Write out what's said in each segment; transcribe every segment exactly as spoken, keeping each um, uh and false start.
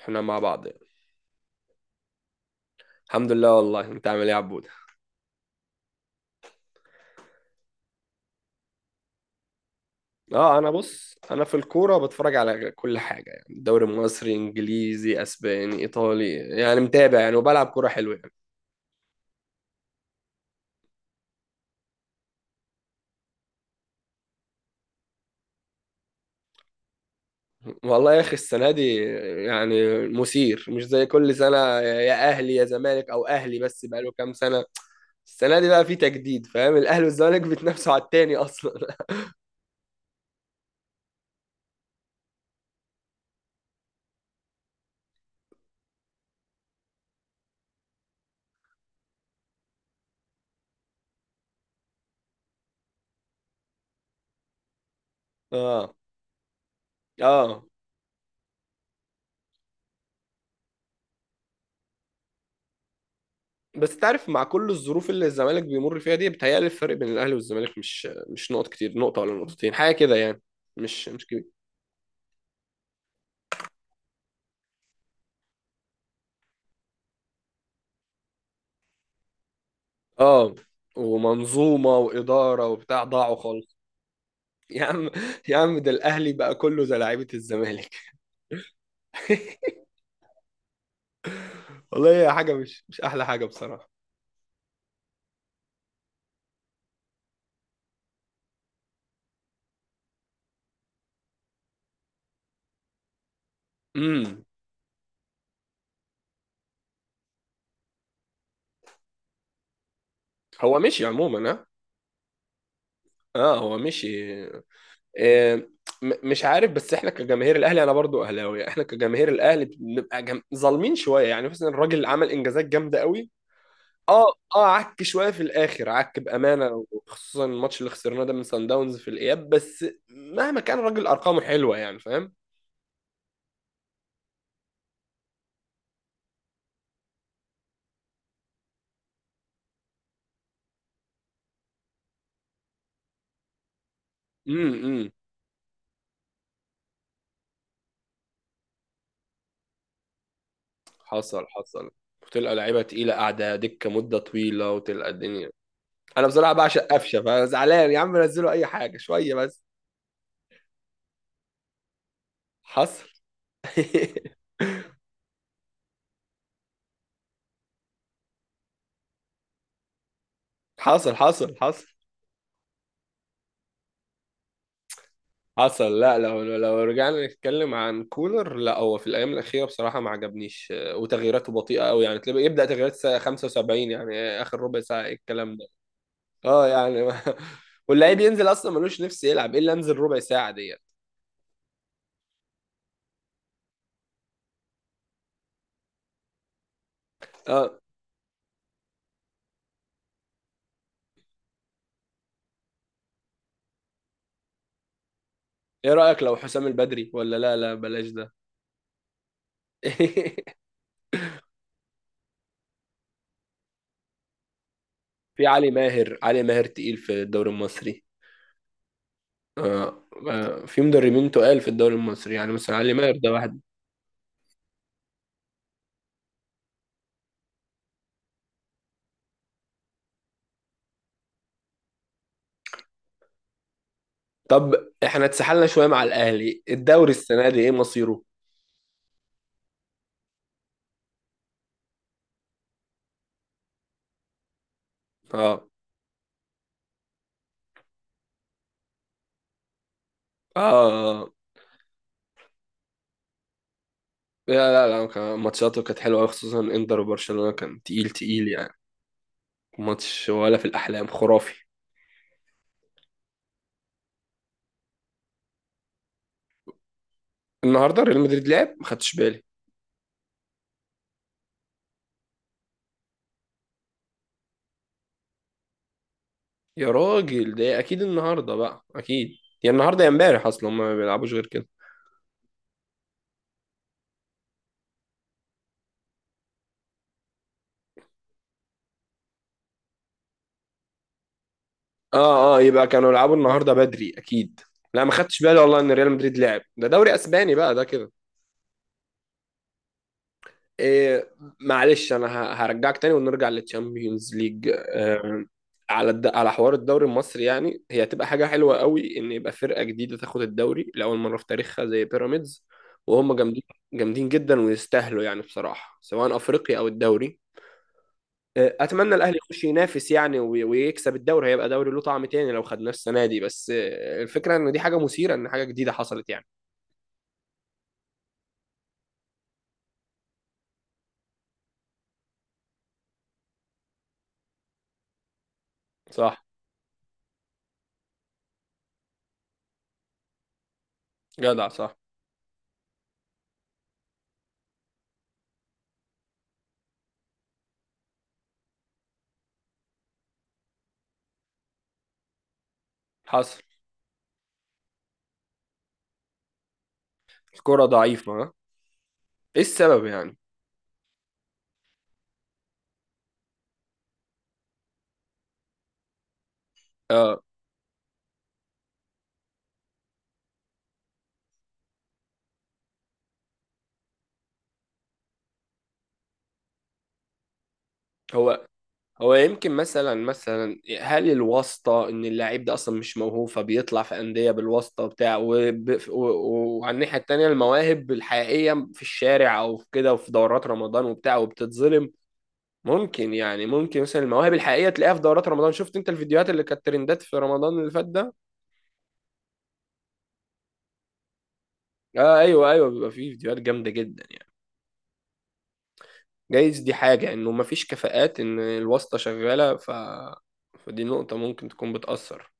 احنا مع بعض يعني. الحمد لله، والله انت عامل ايه يا عبود؟ اه، انا بص، انا في الكوره بتفرج على كل حاجه يعني، دوري مصري، انجليزي، اسباني، ايطالي، يعني متابع يعني، وبلعب كوره حلوه يعني. والله يا اخي السنه دي يعني مثير، مش زي كل سنه، يا اهلي يا زمالك، او اهلي بس، بقاله كام سنه. السنه دي بقى في تجديد، فاهم؟ الاهلي والزمالك بيتنافسوا على التاني اصلا. اه. اه، بس تعرف مع كل الظروف اللي الزمالك بيمر فيها دي، بتهيألي الفرق بين الاهلي والزمالك مش مش نقط كتير، نقطه ولا نقطتين، حاجه كده يعني، مش مش كبير. اه، ومنظومه واداره وبتاع ضاعوا خالص. يا عم، يا عم ده الاهلي بقى كله زي لعيبه الزمالك. والله هي حاجه مش مش احلى حاجه بصراحه. امم هو مشي عموما، ها؟ اه، هو مشي. آه. م- مش عارف، بس احنا كجماهير الاهلي، انا برضو اهلاوي، احنا كجماهير الاهلي بنبقى جم... ظالمين شويه يعني، مثلا الراجل عمل انجازات جامده قوي. اه. اه، عك شويه في الاخر، عك بامانه، وخصوصا الماتش اللي خسرناه ده من سان داونز في الاياب، بس مهما كان الراجل ارقامه حلوه يعني، فاهم؟ امم امم حصل حصل، وتلقى لعيبه تقيله قاعده دكه مده طويله، وتلقى الدنيا. انا بصراحه بعشق قفشه، فانا زعلان يا عم، نزلوا اي حاجه شويه بس. حصل. حصل حصل حصل. حصل، لا لو لو رجعنا نتكلم عن كولر، لا هو في الايام الاخيره بصراحه ما عجبنيش، آه، وتغييراته بطيئه قوي يعني، تلاقي يبدا تغييرات الساعه خمسة وسبعين يعني، آه، اخر ربع ساعه، إيه الكلام ده؟ اه يعني ما- واللعيب ينزل اصلا ملوش نفس، يلعب ايه اللي انزل ربع ساعه ديت؟ اه. ايه رايك لو حسام البدري؟ ولا لا لا، بلاش ده. في علي ماهر، علي ماهر تقيل في الدوري المصري. آه. آه. في مدربين تقال في الدوري المصري يعني، مثلا علي ماهر ده واحد. طب احنا اتسحلنا شويه مع الاهلي، الدوري السنه دي ايه مصيره؟ اه. اه. لا لا لا كان- ماتشاته كانت حلوه أوي، خصوصا انتر وبرشلونه كان تقيل تقيل يعني. ماتش ولا في الاحلام، خرافي. النهارده ريال مدريد لعب؟ ما خدتش بالي. يا راجل ده اكيد النهارده بقى، اكيد. يا النهارده يا امبارح، اصلا هما ما بيلعبوش غير كده. اه اه، يبقى كانوا يلعبوا النهارده بدري اكيد. لا ما خدتش بالي والله ان ريال مدريد لعب، ده دوري اسباني بقى ده كده. إيه، معلش انا ه- هرجعك تاني ونرجع للتشامبيونز ليج، آه، على الد... على حوار الدوري المصري يعني، هي هتبقى حاجه حلوه قوي ان يبقى فرقه جديده تاخد الدوري لاول مره في تاريخها زي بيراميدز، وهم جامدين. جامدين جدا ويستاهلوا يعني بصراحه، سواء افريقيا او الدوري. آه، اتمنى الاهلي يخش ينافس يعني، وي- ويكسب الدوري، هيبقى دوري له طعم تاني لو خدناه السنه دي، بس آه، الفكره ان دي حاجه مثيره، ان حاجه جديده حصلت يعني. صح. جدع، صح. حصل. الكره ضعيفه ها؟ ايه السبب يعني؟ آه. هو هو يمكن مثلا مثلا هل الواسطة؟ إن اللاعب ده أصلا مش موهوب، فبيطلع في أندية بالواسطة وبتاع، وب- و- و- وعلى الناحية التانية المواهب الحقيقية في الشارع أو في كده وفي دورات رمضان وبتاع، وبتتظلم. ممكن يعني، ممكن مثلا المواهب الحقيقية تلاقيها في دورات رمضان. شفت أنت الفيديوهات اللي كانت ترندات في رمضان اللي فات ده؟ آه أيوه أيوه، بيبقى فيه فيديوهات جامدة جدا يعني. جايز دي حاجة إنه مفيش كفاءات، إن الواسطة شغالة ف... فدي نقطة ممكن تكون بتأثر.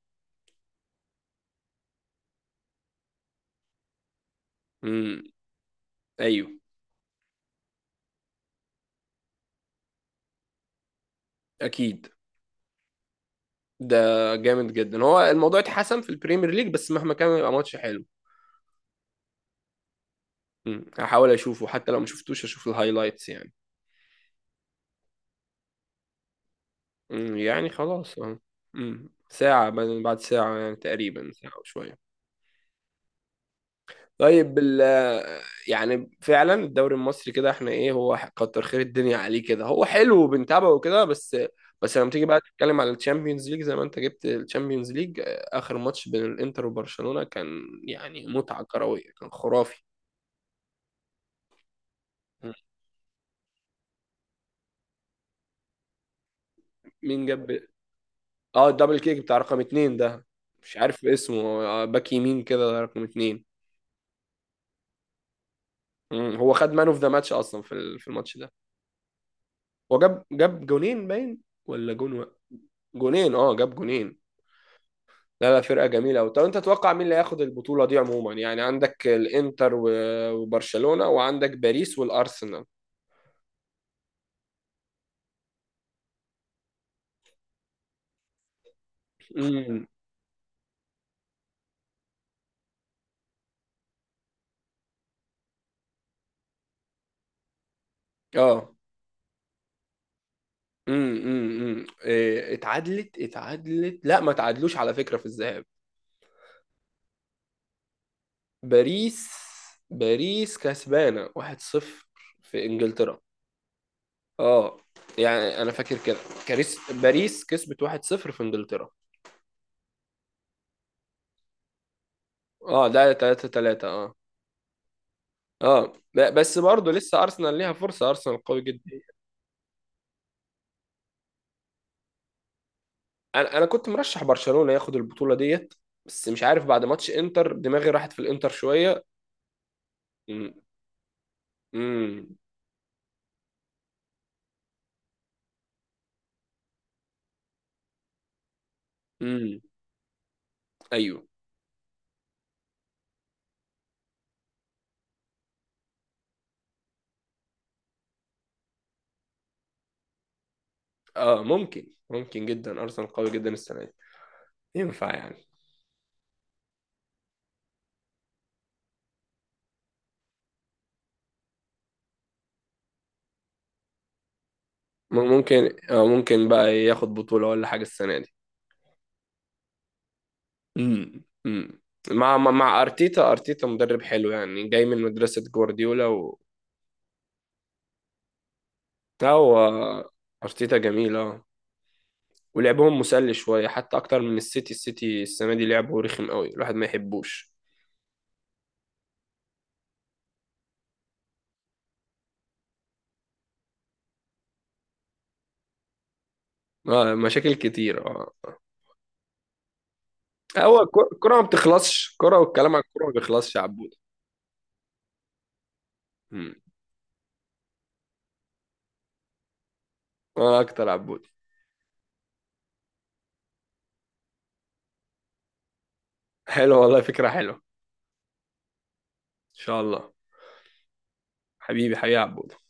امم. أيوه. أكيد. ده جامد جدا، هو الموضوع اتحسن في البريمير ليج، بس مهما كان يبقى ماتش حلو. مم. هحاول اشوفه، حتى لو ما شفتوش اشوف الهايلايتس يعني. مم. يعني خلاص اه. مم. ساعة، بعد بعد ساعة يعني، تقريبا ساعة وشوية. طيب ال، يعني فعلا الدوري المصري كده احنا ايه، هو كتر خير الدنيا عليه كده، هو حلو وبنتابعه وكده، بس. بس لما تيجي بقى تتكلم على الشامبيونز ليج، زي ما انت جبت الشامبيونز ليج، اخر ماتش بين الانتر وبرشلونة كان يعني متعة كروية، كان خرافي. مين جاب؟ اه الدبل كيك بتاع رقم اتنين ده، مش عارف اسمه، آه، باك يمين كده رقم اتنين. مم. هو خد مان اوف ذا ماتش اصلا في ال- في الماتش ده. هو جاب جاب جونين باين، ولا جون و... جونين، اه جاب جونين. لا لا، فرقة جميلة أوي. طب أنت تتوقع مين اللي هياخد البطولة دي عموما يعني؟ عندك الإنتر و- وبرشلونة، وعندك باريس والأرسنال. امم. اه. امم امم إيه، اتعادلت اتعادلت، لا ما تعادلوش على فكرة في الذهاب. باريس، باريس كسبانة واحد صفر في انجلترا. اه، يعني انا فاكر كده. كاريس، باريس كسبت واحد صفر في انجلترا. اه ده ثلاثة ثلاثة. اه. اه ب- بس برضه لسه ارسنال ليها فرصة، ارسنال قوي جدا. انا انا كنت مرشح برشلونة ياخد البطولة ديت، بس مش عارف بعد ماتش انتر دماغي راحت في الانتر شوية. امم. امم. امم. ايوه. اه، ممكن، ممكن جدا ارسنال قوي جدا السنة دي، ينفع يعني. ممكن، آه، ممكن بقى ياخد بطولة ولا حاجة السنة دي. امم امم مع مع مع ارتيتا. ارتيتا مدرب حلو يعني، جاي من مدرسة جوارديولا و... لا، هو ارتيتا جميل اه. ولعبهم مسلي شوية، حتى اكتر من السيتي. السيتي السنة دي لعبه رخم قوي، الواحد ما يحبوش. اه مشاكل كتير، اه. هو الكرة الكرة ما بتخلصش كرة، والكلام عن الكرة ما بيخلصش يا عبود. مم. انا اكتر، عبود. حلو والله، فكرة حلوة. ان شاء الله حبيبي. حبيبي، يا عبود.